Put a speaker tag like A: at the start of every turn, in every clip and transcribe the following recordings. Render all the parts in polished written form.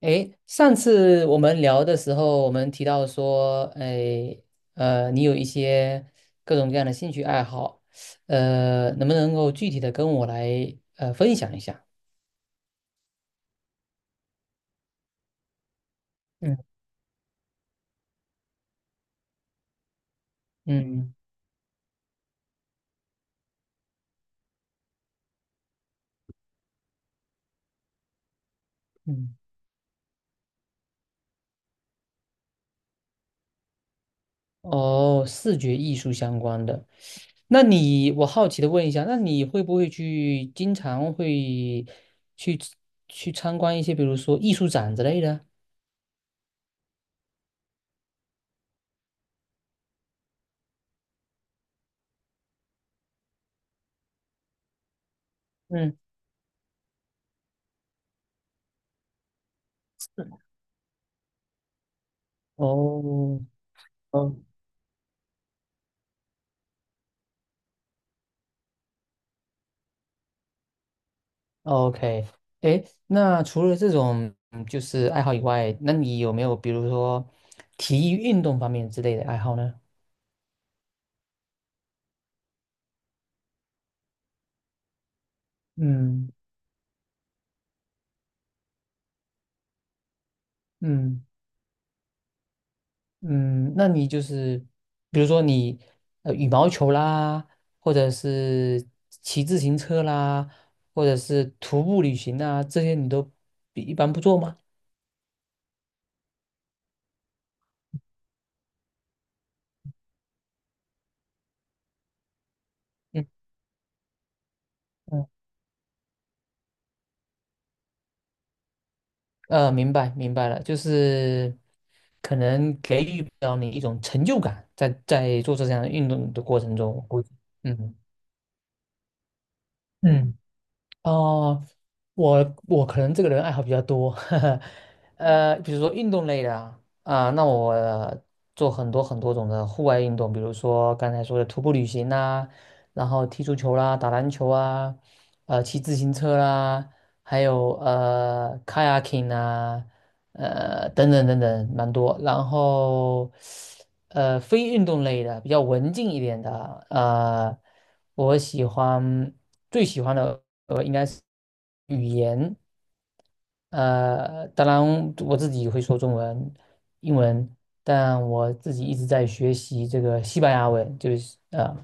A: 诶，上次我们聊的时候，我们提到说，诶，你有一些各种各样的兴趣爱好，能不能够具体的跟我来分享一下？嗯嗯嗯。哦，视觉艺术相关的，我好奇的问一下，那你会不会去经常会去去参观一些，比如说艺术展之类的？嗯，哦，哦， OK。诶，那除了这种就是爱好以外，那你有没有比如说体育运动方面之类的爱好呢？嗯嗯嗯。那你就是比如说你羽毛球啦，或者是骑自行车啦，或者是徒步旅行啊，这些你都比一般不做吗？嗯嗯。明白明白了，就是。可能给予不了你一种成就感在做这项运动的过程中，我估计。嗯嗯。哦，我可能这个人爱好比较多，呵呵。比如说运动类的啊，那我做很多很多种的户外运动，比如说刚才说的徒步旅行啦、然后踢足球啦、打篮球啊，骑自行车啦，还有kayaking 啊，等等等等，蛮多。然后非运动类的比较文静一点的啊，我喜欢。最喜欢的应该是语言。当然我自己会说中文、英文，但我自己一直在学习这个西班牙文，就是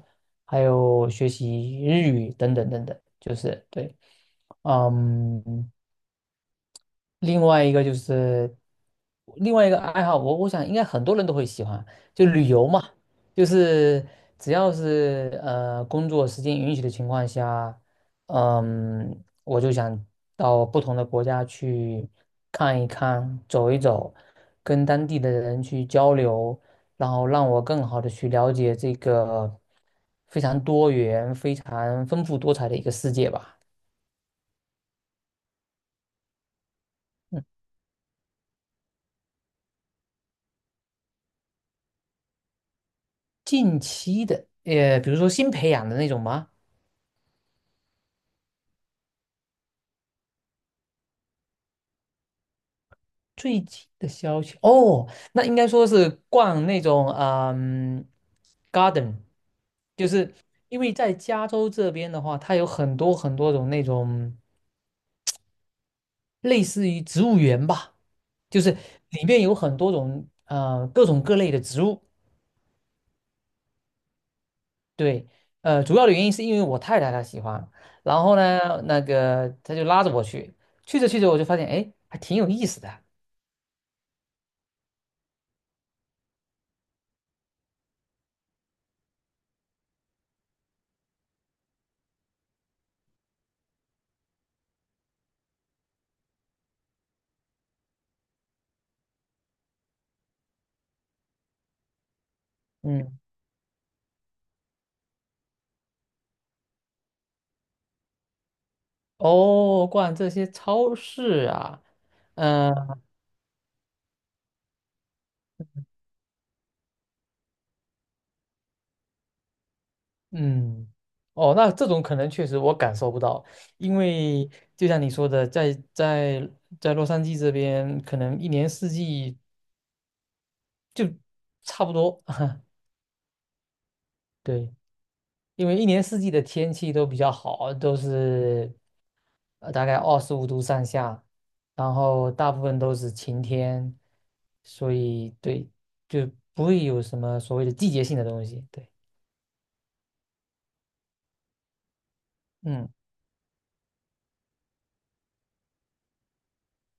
A: 还有学习日语等等等等，就是对。嗯。另外一个就是另外一个爱好，我想应该很多人都会喜欢，就旅游嘛，就是只要是工作时间允许的情况下，我就想到不同的国家去看一看、走一走，跟当地的人去交流，然后让我更好的去了解这个非常多元、非常丰富多彩的一个世界吧。嗯近期的，比如说新培养的那种吗？最近的消息哦，那应该说是逛那种，garden，就是因为在加州这边的话，它有很多很多种那种类似于植物园吧，就是里面有很多种各种各类的植物。对，主要的原因是因为我太太她喜欢，然后呢，那个她就拉着我去，去着去着我就发现，哎，还挺有意思的。嗯。哦，逛这些超市啊。嗯、嗯。哦，那这种可能确实我感受不到，因为就像你说的，在洛杉矶这边，可能一年四季就差不多。对，因为一年四季的天气都比较好，都是大概25度上下，然后大部分都是晴天，所以对，就不会有什么所谓的季节性的东西。对。嗯。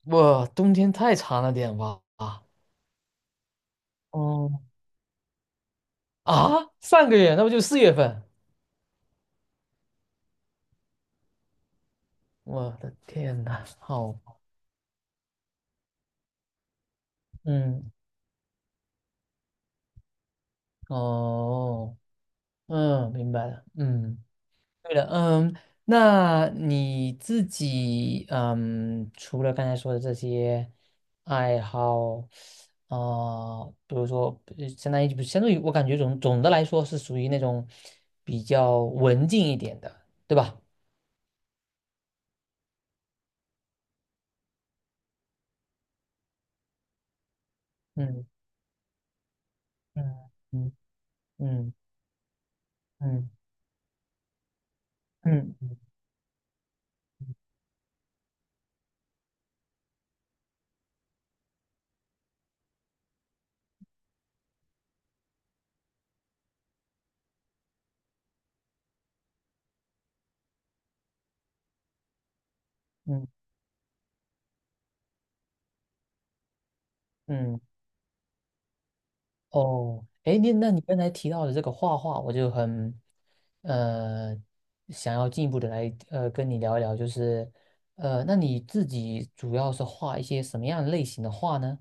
A: 我冬天太长了点吧？啊哦，啊，上个月那不就4月份？我的天呐，好。嗯。哦。嗯，明白了。嗯。对了。嗯。那你自己，嗯，除了刚才说的这些爱好，啊，比如说，呃相当于不，相当于我感觉总的来说是属于那种比较文静一点的，对吧？嗯嗯嗯嗯。嗯嗯嗯嗯嗯。哦，哎，那你刚才提到的这个画画，我就很呃想要进一步的来跟你聊一聊，就是那你自己主要是画一些什么样类型的画呢？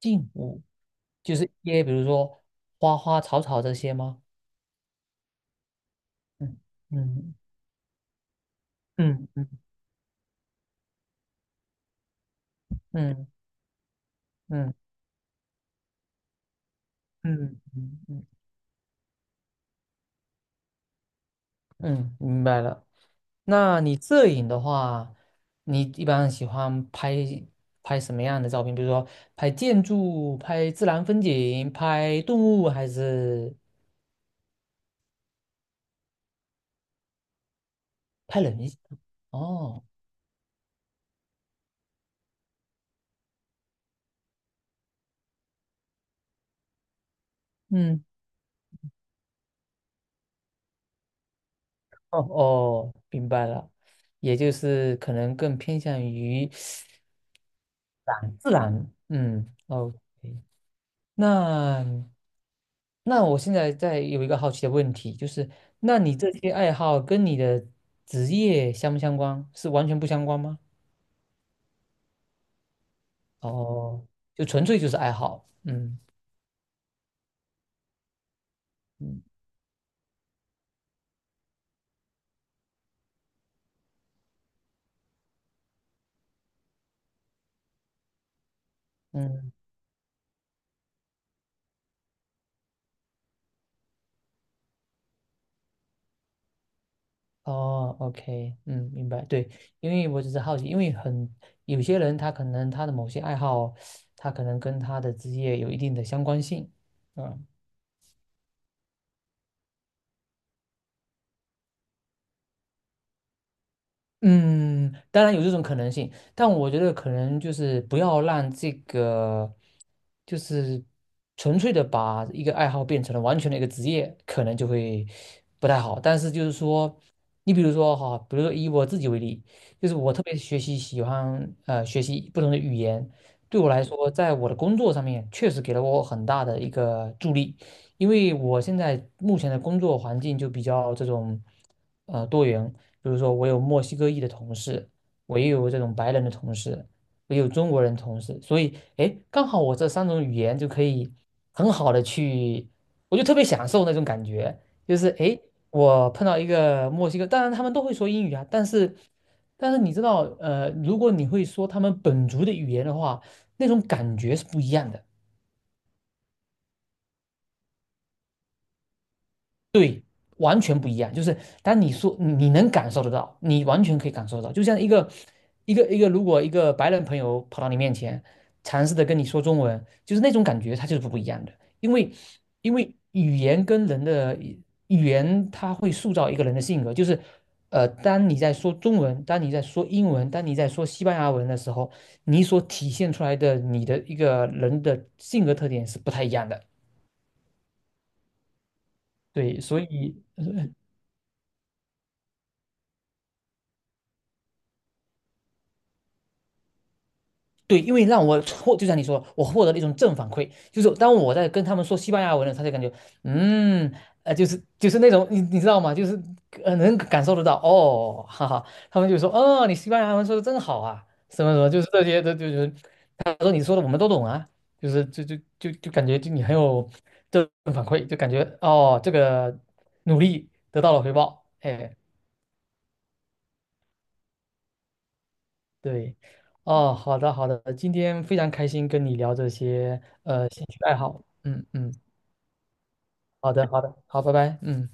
A: 静物，就是一些比如说花花草草这些吗？嗯嗯嗯嗯嗯嗯嗯嗯嗯。嗯明白了。那你摄影的话，你一般喜欢拍什么样的照片？比如说拍建筑、拍自然风景、拍动物，还是拍人？哦。嗯。哦哦，明白了，也就是可能更偏向于自然，自然。嗯哦，OK。那那我现在有一个好奇的问题，就是那你这些爱好跟你的职业相不相关？是完全不相关吗？哦，就纯粹就是爱好。嗯嗯。嗯。哦，OK。嗯，明白，对。因为我只是好奇，因为有些人他可能他的某些爱好，他可能跟他的职业有一定的相关性。嗯。嗯，当然有这种可能性，但我觉得可能就是不要让这个，就是纯粹的把一个爱好变成了完全的一个职业，可能就会不太好。但是就是说，你比如说哈，比如说以我自己为例，就是我特别喜欢学习不同的语言，对我来说，在我的工作上面确实给了我很大的一个助力，因为我现在目前的工作环境就比较这种多元。比如说我有墨西哥裔的同事，我也有这种白人的同事，我也有中国人同事，所以诶，刚好我这三种语言就可以很好的去，我就特别享受那种感觉。就是诶，我碰到一个墨西哥，当然他们都会说英语啊，但是你知道，如果你会说他们本族的语言的话，那种感觉是不一样的。完全不一样。就是当你说你能感受得到，你完全可以感受得到，就像一个一个一个，如果一个白人朋友跑到你面前，尝试的跟你说中文，就是那种感觉，它就是不一样的。因为因为语言跟人的语言，它会塑造一个人的性格，就是。当你在说中文，当你在说英文，当你在说西班牙文的时候，你所体现出来的你的一个人的性格特点是不太一样的。对，所以对。因为让我获，就像你说，我获得了一种正反馈，就是当我在跟他们说西班牙文的时候，他就感觉。嗯，就是那种，你知道吗？就是能感受得到，哦，哈哈。他们就说，哦，你西班牙文说的真好啊，什么什么，就是这些，这就是。他说你说的我们都懂啊，就是就就就就感觉就你很有正反馈，就感觉哦，这个努力得到了回报，哎。对。哦，好的好的，今天非常开心跟你聊这些兴趣爱好。嗯嗯。好的好的，好，拜拜。嗯。